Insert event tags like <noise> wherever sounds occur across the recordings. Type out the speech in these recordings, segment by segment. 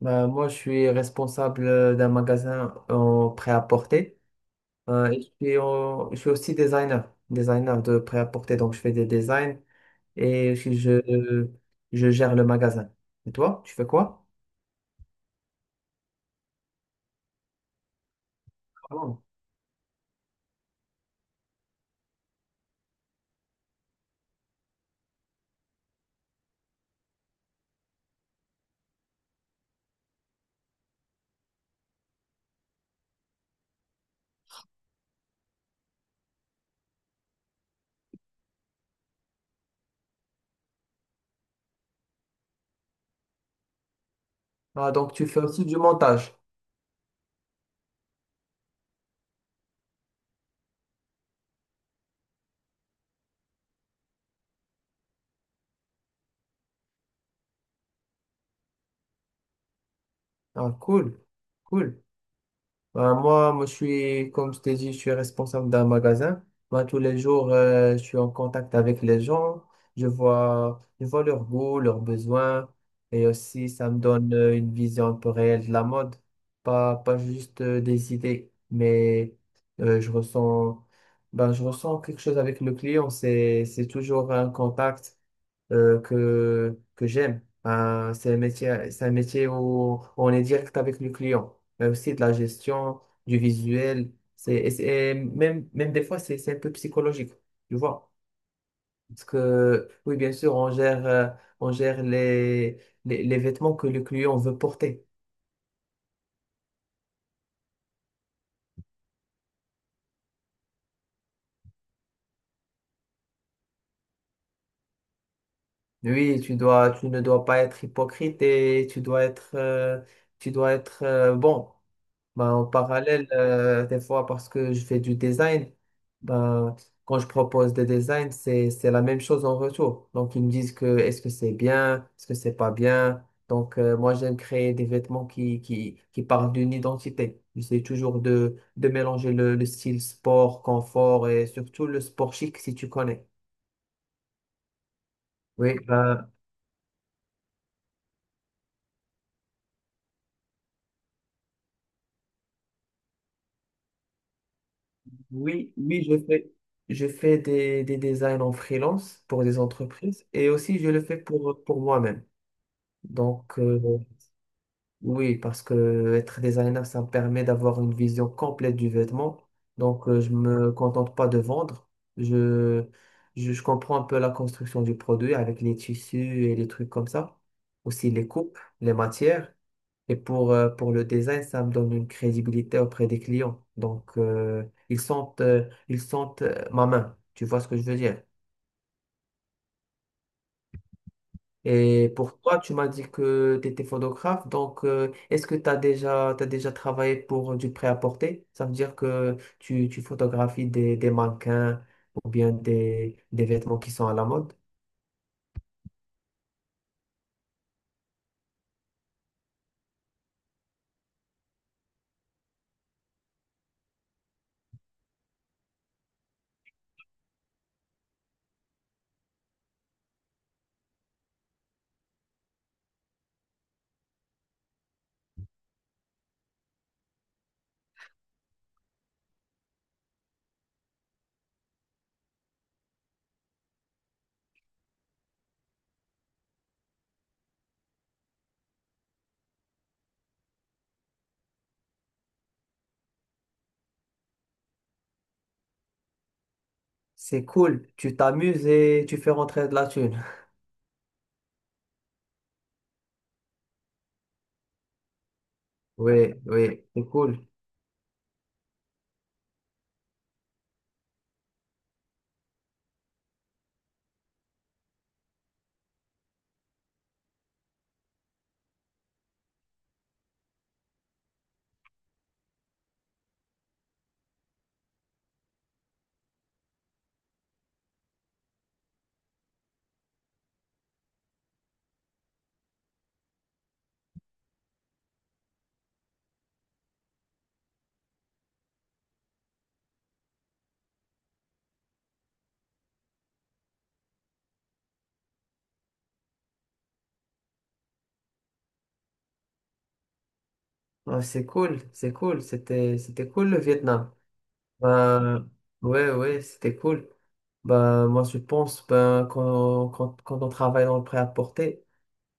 Bah moi, je suis responsable d'un magasin en prêt-à-porter. Et je suis, je suis aussi designer, designer de prêt-à-porter. Donc, je fais des designs et je gère le magasin. Et toi, tu fais quoi? Ah, donc, tu fais aussi du montage. Ah, cool, cool. Ben, je suis, comme je t'ai dit, je suis responsable d'un magasin. Ben, tous les jours, je suis en contact avec les gens. Je vois leurs goûts, leurs besoins. Et aussi, ça me donne une vision un peu réelle de la mode. Pas juste des idées, mais euh, je ressens, ben, je ressens quelque chose avec le client. C'est toujours un contact que j'aime. C'est un métier, c'est un métier où on est direct avec le client, mais aussi de la gestion, du visuel. C'est, et c'est- et même, même des fois, c'est un peu psychologique, tu vois. Parce que, oui, bien sûr, on gère les vêtements que le client veut porter. Oui, tu ne dois pas être hypocrite et tu dois être bon. Ben, en parallèle, des fois, parce que je fais du design, ben, quand je propose des designs, c'est la même chose en retour. Donc, ils me disent que est-ce que c'est bien, est-ce que c'est pas bien. Donc, moi, j'aime créer des vêtements qui parlent d'une identité. J'essaie toujours de mélanger le style sport, confort et surtout le sport chic, si tu connais. Oui, ben, oui, oui, je fais des designs en freelance pour des entreprises et aussi je le fais pour moi-même. Donc, oui, parce que être designer, ça me permet d'avoir une vision complète du vêtement. Donc, je me contente pas de vendre. Je, je comprends un peu la construction du produit avec les tissus et les trucs comme ça. Aussi les coupes, les matières. Et pour le design, ça me donne une crédibilité auprès des clients. Donc, ils sentent ma main. Tu vois ce que je veux dire? Et pour toi, tu m'as dit que tu étais photographe. Donc, est-ce que t'as déjà travaillé pour du prêt-à-porter? Ça veut dire que tu photographies des mannequins ou bien des vêtements qui sont à la mode. C'est cool. Tu t'amuses et tu fais rentrer de la thune. <laughs> Oui, oui, c'est cool. Ah, c'est cool, c'est cool. C'était, c'était cool le Vietnam. Ben ouais, ouais, c'était cool. Ben moi, je pense, ben quand on travaille dans le prêt-à-porter,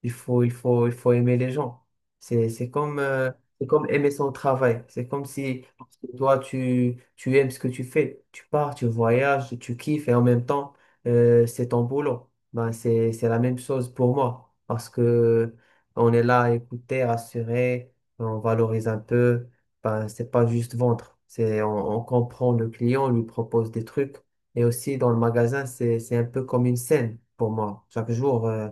il faut aimer les gens. C'est, c'est comme, euh, c'est comme aimer son travail. C'est comme si parce que toi, tu aimes ce que tu fais. Tu pars, tu voyages, tu kiffes et en même temps, c'est ton boulot. Ben, c'est la même chose pour moi parce que on est là à écouter, rassurer, on valorise un peu. Ben, c'est pas juste vendre. On comprend le client, on lui propose des trucs. Et aussi dans le magasin, c'est un peu comme une scène pour moi. Chaque jour,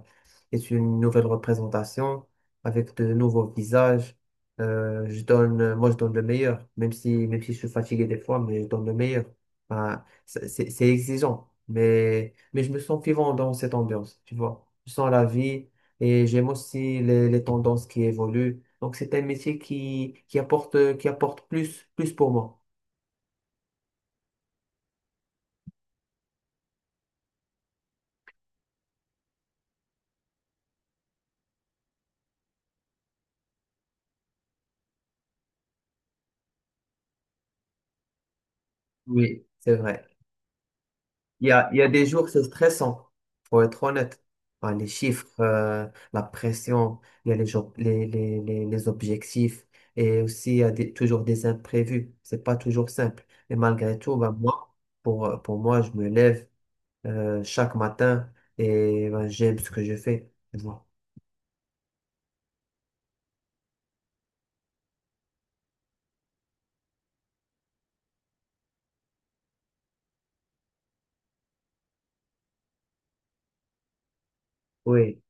est une nouvelle représentation avec de nouveaux visages. Moi, je donne le meilleur, même si je suis fatigué des fois, mais je donne le meilleur. Ben, c'est exigeant, mais je me sens vivant dans cette ambiance, tu vois. Je sens la vie et j'aime aussi les tendances qui évoluent. Donc, c'est un métier qui apporte plus, plus pour moi. Oui, c'est vrai. Il y a des jours, c'est stressant, faut être honnête. Enfin, les chiffres, la pression, il y a les, jours- les objectifs et aussi il y a toujours des imprévus. C'est pas toujours simple. Et malgré tout, ben, moi, pour moi, je me lève chaque matin et ben, j'aime ce que je fais. Tu vois. Oui,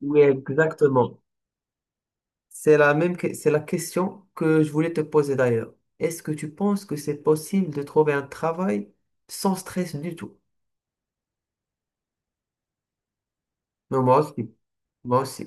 oui, exactement. C'est la question que je voulais te poser d'ailleurs. Est-ce que tu penses que c'est possible de trouver un travail sans stress du tout? Non, moi aussi, moi aussi.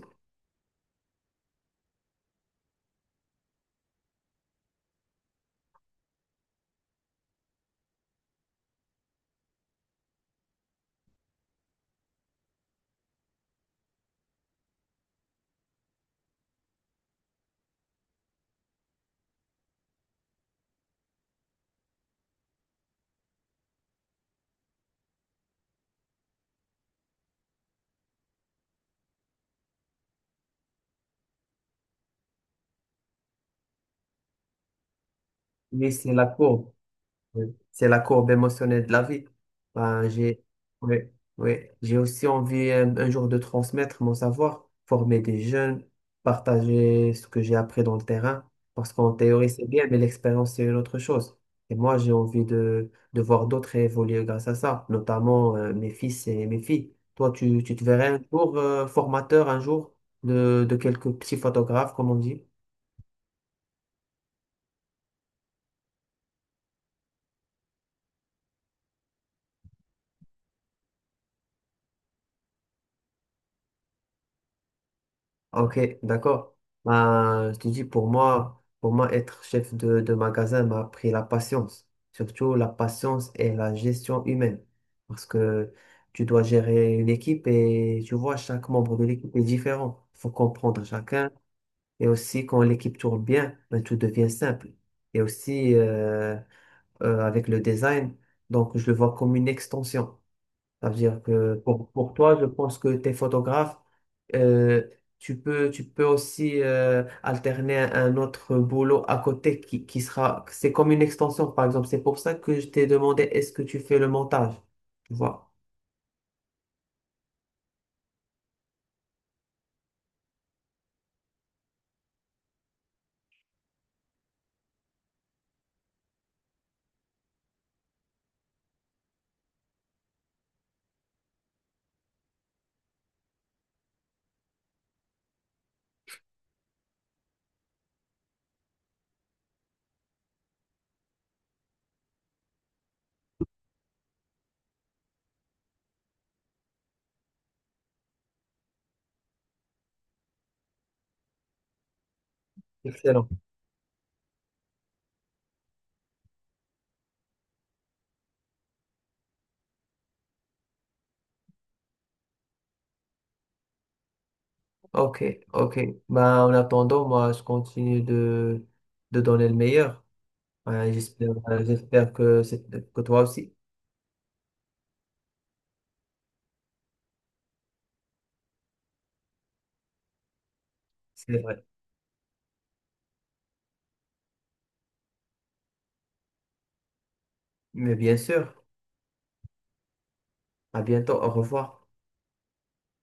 Mais c'est la courbe, oui. C'est la courbe émotionnelle de la vie. Ben, j'ai, oui, oui. J'ai aussi envie jour de transmettre mon savoir, former des jeunes, partager ce que j'ai appris dans le terrain. Parce qu'en théorie, c'est bien, mais l'expérience, c'est une autre chose. Et moi, j'ai envie de voir d'autres évoluer grâce à ça, notamment mes fils et mes filles. Toi, tu te verrais un jour formateur, un jour de quelques petits photographes, comme on dit. Ok, d'accord. Ben, je te dis, pour moi, être chef de magasin m'a appris la patience. Surtout la patience et la gestion humaine. Parce que tu dois gérer une équipe et tu vois, chaque membre de l'équipe est différent. Il faut comprendre chacun. Et aussi, quand l'équipe tourne bien, ben, tout devient simple. Et aussi, avec le design. Donc, je le vois comme une extension. Ça veut dire que pour toi, je pense que tes photographes, euh, tu peux aussi alterner un autre boulot à côté qui sera, c'est comme une extension, par exemple. C'est pour ça que je t'ai demandé, est-ce que tu fais le montage? Tu vois. Excellent. Ok, ok. Bah, en attendant, moi, je continue de donner le meilleur. Ouais, j'espère, j'espère que, c'est- que toi aussi. C'est vrai. Mais bien sûr. À bientôt. Au revoir.